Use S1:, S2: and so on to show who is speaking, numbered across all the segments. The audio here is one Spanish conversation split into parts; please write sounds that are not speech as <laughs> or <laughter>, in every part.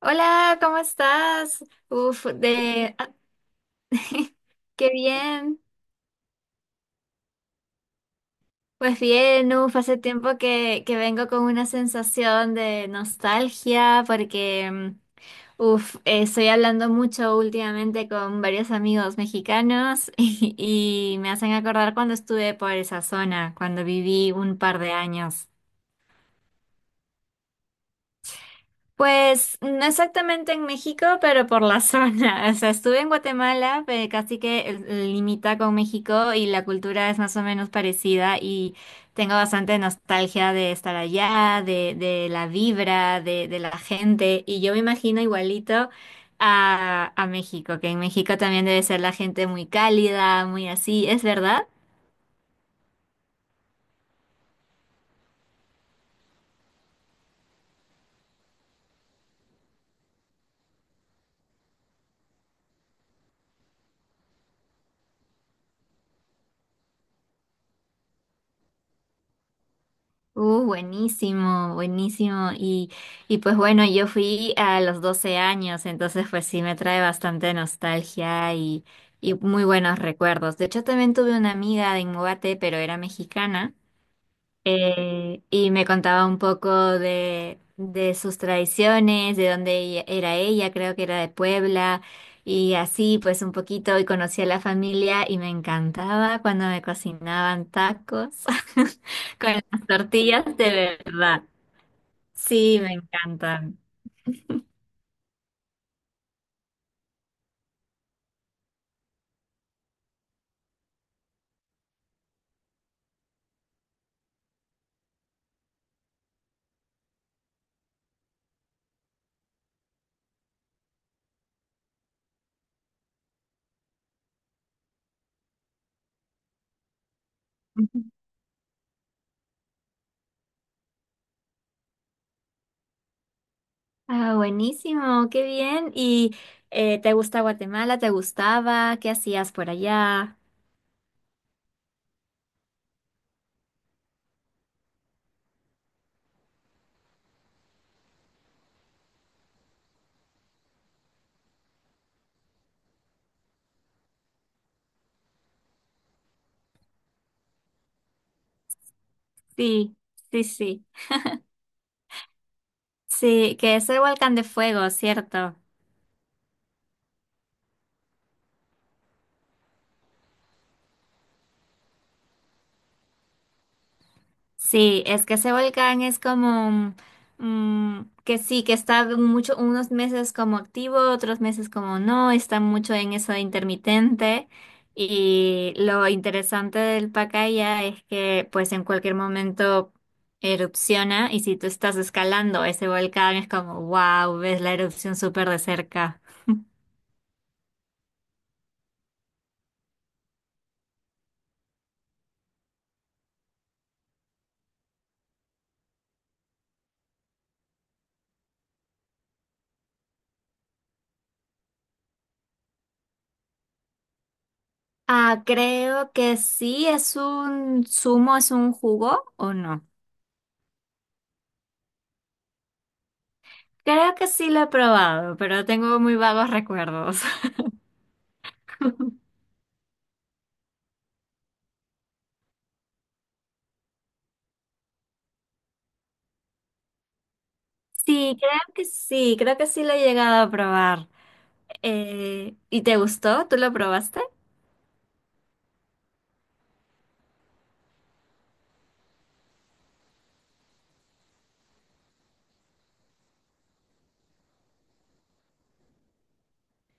S1: Hola, ¿cómo estás? Uf, <laughs> Qué bien. Pues bien, hace tiempo que vengo con una sensación de nostalgia porque, estoy hablando mucho últimamente con varios amigos mexicanos <laughs> y me hacen acordar cuando estuve por esa zona, cuando viví un par de años. Pues no exactamente en México, pero por la zona. <laughs> O sea, estuve en Guatemala, pero casi que limita con México y la cultura es más o menos parecida y tengo bastante nostalgia de estar allá, de la vibra, de la gente y yo me imagino igualito a México, que en México también debe ser la gente muy cálida, muy así, ¿es verdad? Buenísimo, buenísimo. Y pues bueno, yo fui a los 12 años, entonces pues sí me trae bastante nostalgia y muy buenos recuerdos. De hecho, también tuve una amiga de Inmobate, pero era mexicana, y me contaba un poco de sus tradiciones, de dónde era ella, creo que era de Puebla, y así pues un poquito, y conocí a la familia y me encantaba cuando me cocinaban tacos, <laughs> tortillas de verdad. Sí, me encantan. Ujú. Ah, buenísimo, qué bien. ¿Y te gusta Guatemala? ¿Te gustaba? ¿Qué hacías por allá? Sí, sí, sí. Sí, que es el volcán de fuego, ¿cierto? Sí, es que ese volcán es como que sí, que está mucho, unos meses como activo, otros meses como no, está mucho en eso de intermitente. Y lo interesante del Pacaya es que pues en cualquier momento erupciona y si tú estás escalando ese volcán es como wow, ves la erupción súper de cerca. Ah, creo que sí, es un zumo, es un jugo o no. Creo que sí lo he probado, pero tengo muy vagos recuerdos. <laughs> Sí, creo que sí, creo que sí lo he llegado a probar. ¿Y te gustó? ¿Tú lo probaste?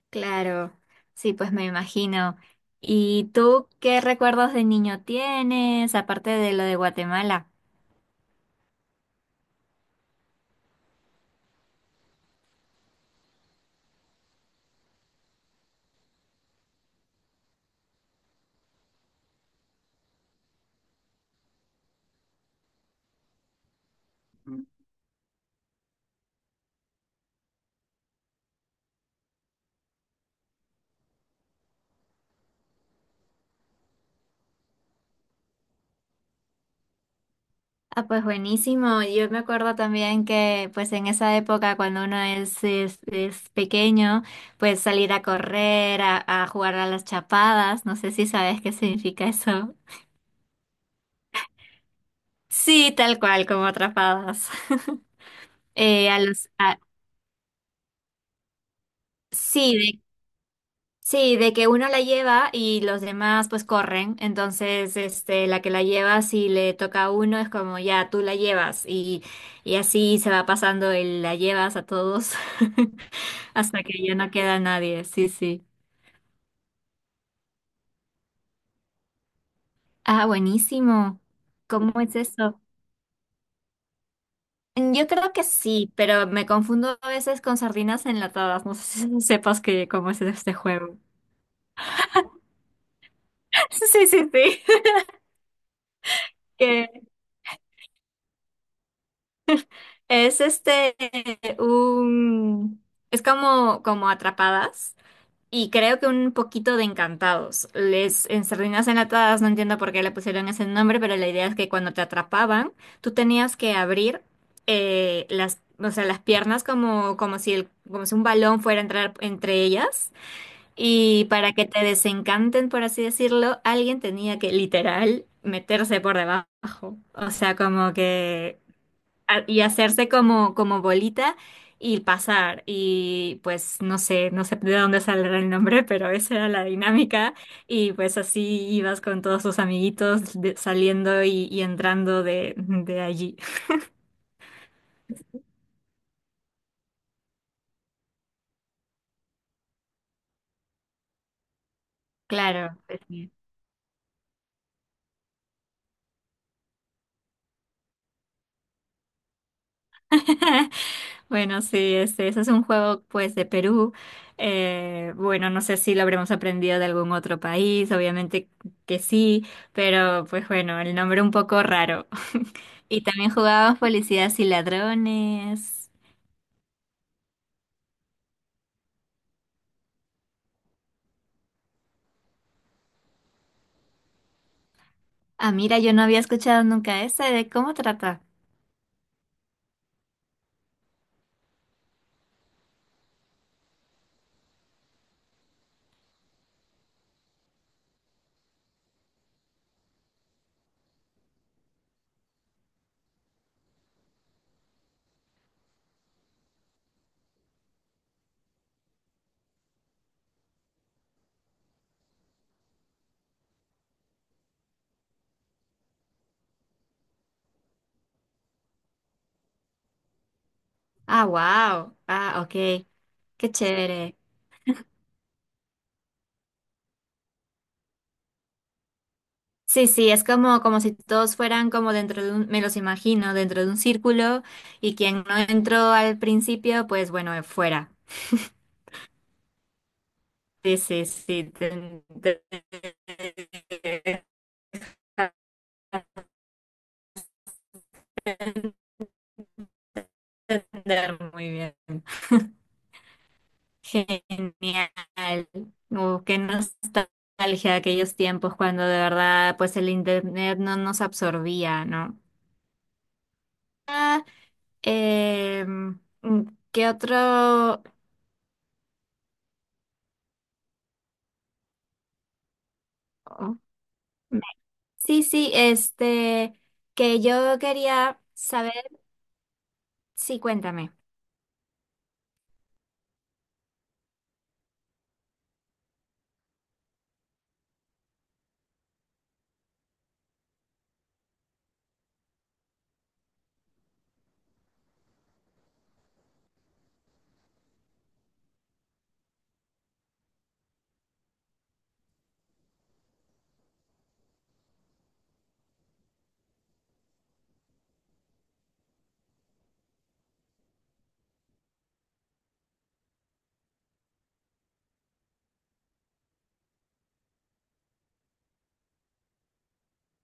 S1: Claro, sí, pues me imagino. ¿Y tú qué recuerdos de niño tienes, aparte de lo de Guatemala? Ah, pues buenísimo. Yo me acuerdo también que pues en esa época cuando uno es pequeño, pues salir a correr, a jugar a las chapadas, no sé si sabes qué significa eso. Sí, tal cual, como atrapadas. <laughs> Eh, a los, a- sí, de, sí, de que uno la lleva y los demás pues corren. Entonces, este, la que la lleva, si le toca a uno, es como ya tú la llevas. Y así se va pasando el la llevas a todos <laughs> hasta que ya no queda nadie. Sí, sí. Ah, buenísimo. ¿Cómo es eso? Yo creo que sí, pero me confundo a veces con sardinas enlatadas. No sé si <laughs> sepas que cómo es este juego. <laughs> Sí, sí, sí. que es este un es como como Atrapadas y creo que un poquito de Encantados. Les en Sardinas Enlatadas no entiendo por qué le pusieron ese nombre, pero la idea es que cuando te atrapaban, tú tenías que abrir las O sea, las piernas como, como si un balón fuera a entrar entre ellas. Y para que te desencanten, por así decirlo, alguien tenía que literal meterse por debajo. O sea, como que y hacerse como bolita y pasar. Y pues no sé, no sé de dónde saldrá el nombre, pero esa era la dinámica. Y pues así ibas con todos tus amiguitos saliendo y entrando de allí. <laughs> Claro, pues sí. <laughs> Bueno, sí, este, ese es un juego pues de Perú. Bueno, no sé si lo habremos aprendido de algún otro país, obviamente que sí, pero pues bueno, el nombre un poco raro. Y también jugábamos policías y ladrones. Ah, mira, yo no había escuchado nunca ese. ¿De cómo trata? Ah, wow. Ah, ok. Qué chévere. Sí, sí, es como, como si todos fueran como dentro de un, me los imagino, dentro de un círculo y quien no entró al principio, pues bueno, fuera. Sí, sí, sí. Te- te- te- entender muy bien. Genial. Qué nostalgia de aquellos tiempos cuando de verdad pues el internet no nos absorbía, ¿no? Em, mm, ¿Qué otro? oh, me- Sí, sí, este, que yo quería saber, sí, cuéntame.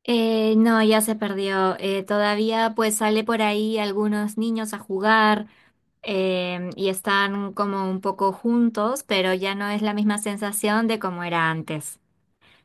S1: No, ya se perdió. Todavía pues sale por ahí algunos niños a jugar y están como un poco juntos, pero ya no es la misma sensación de como era antes.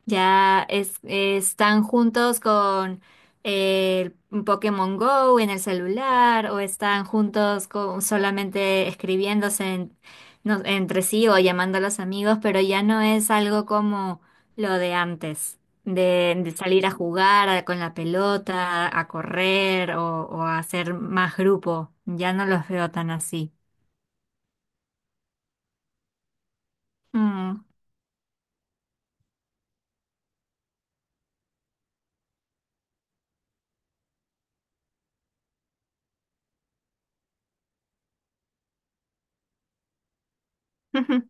S1: Ya están juntos con el Pokémon Go en el celular o están juntos con, solamente escribiéndose entre sí o llamando a los amigos, pero ya no es algo como lo de antes, de salir a jugar con la pelota, a correr o a hacer más grupo. Ya no los veo tan así. Mm. <laughs>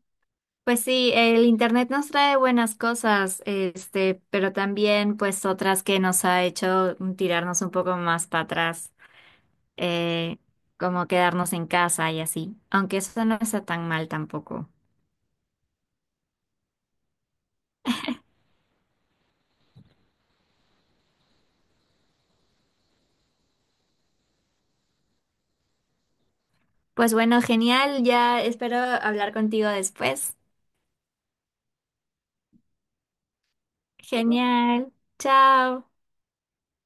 S1: Pues sí, el internet nos trae buenas cosas, este, pero también pues otras que nos ha hecho tirarnos un poco más para atrás, eh, como quedarnos en casa y así, aunque eso no está tan mal tampoco. Pues bueno, genial, ya espero hablar contigo después. Genial, chao.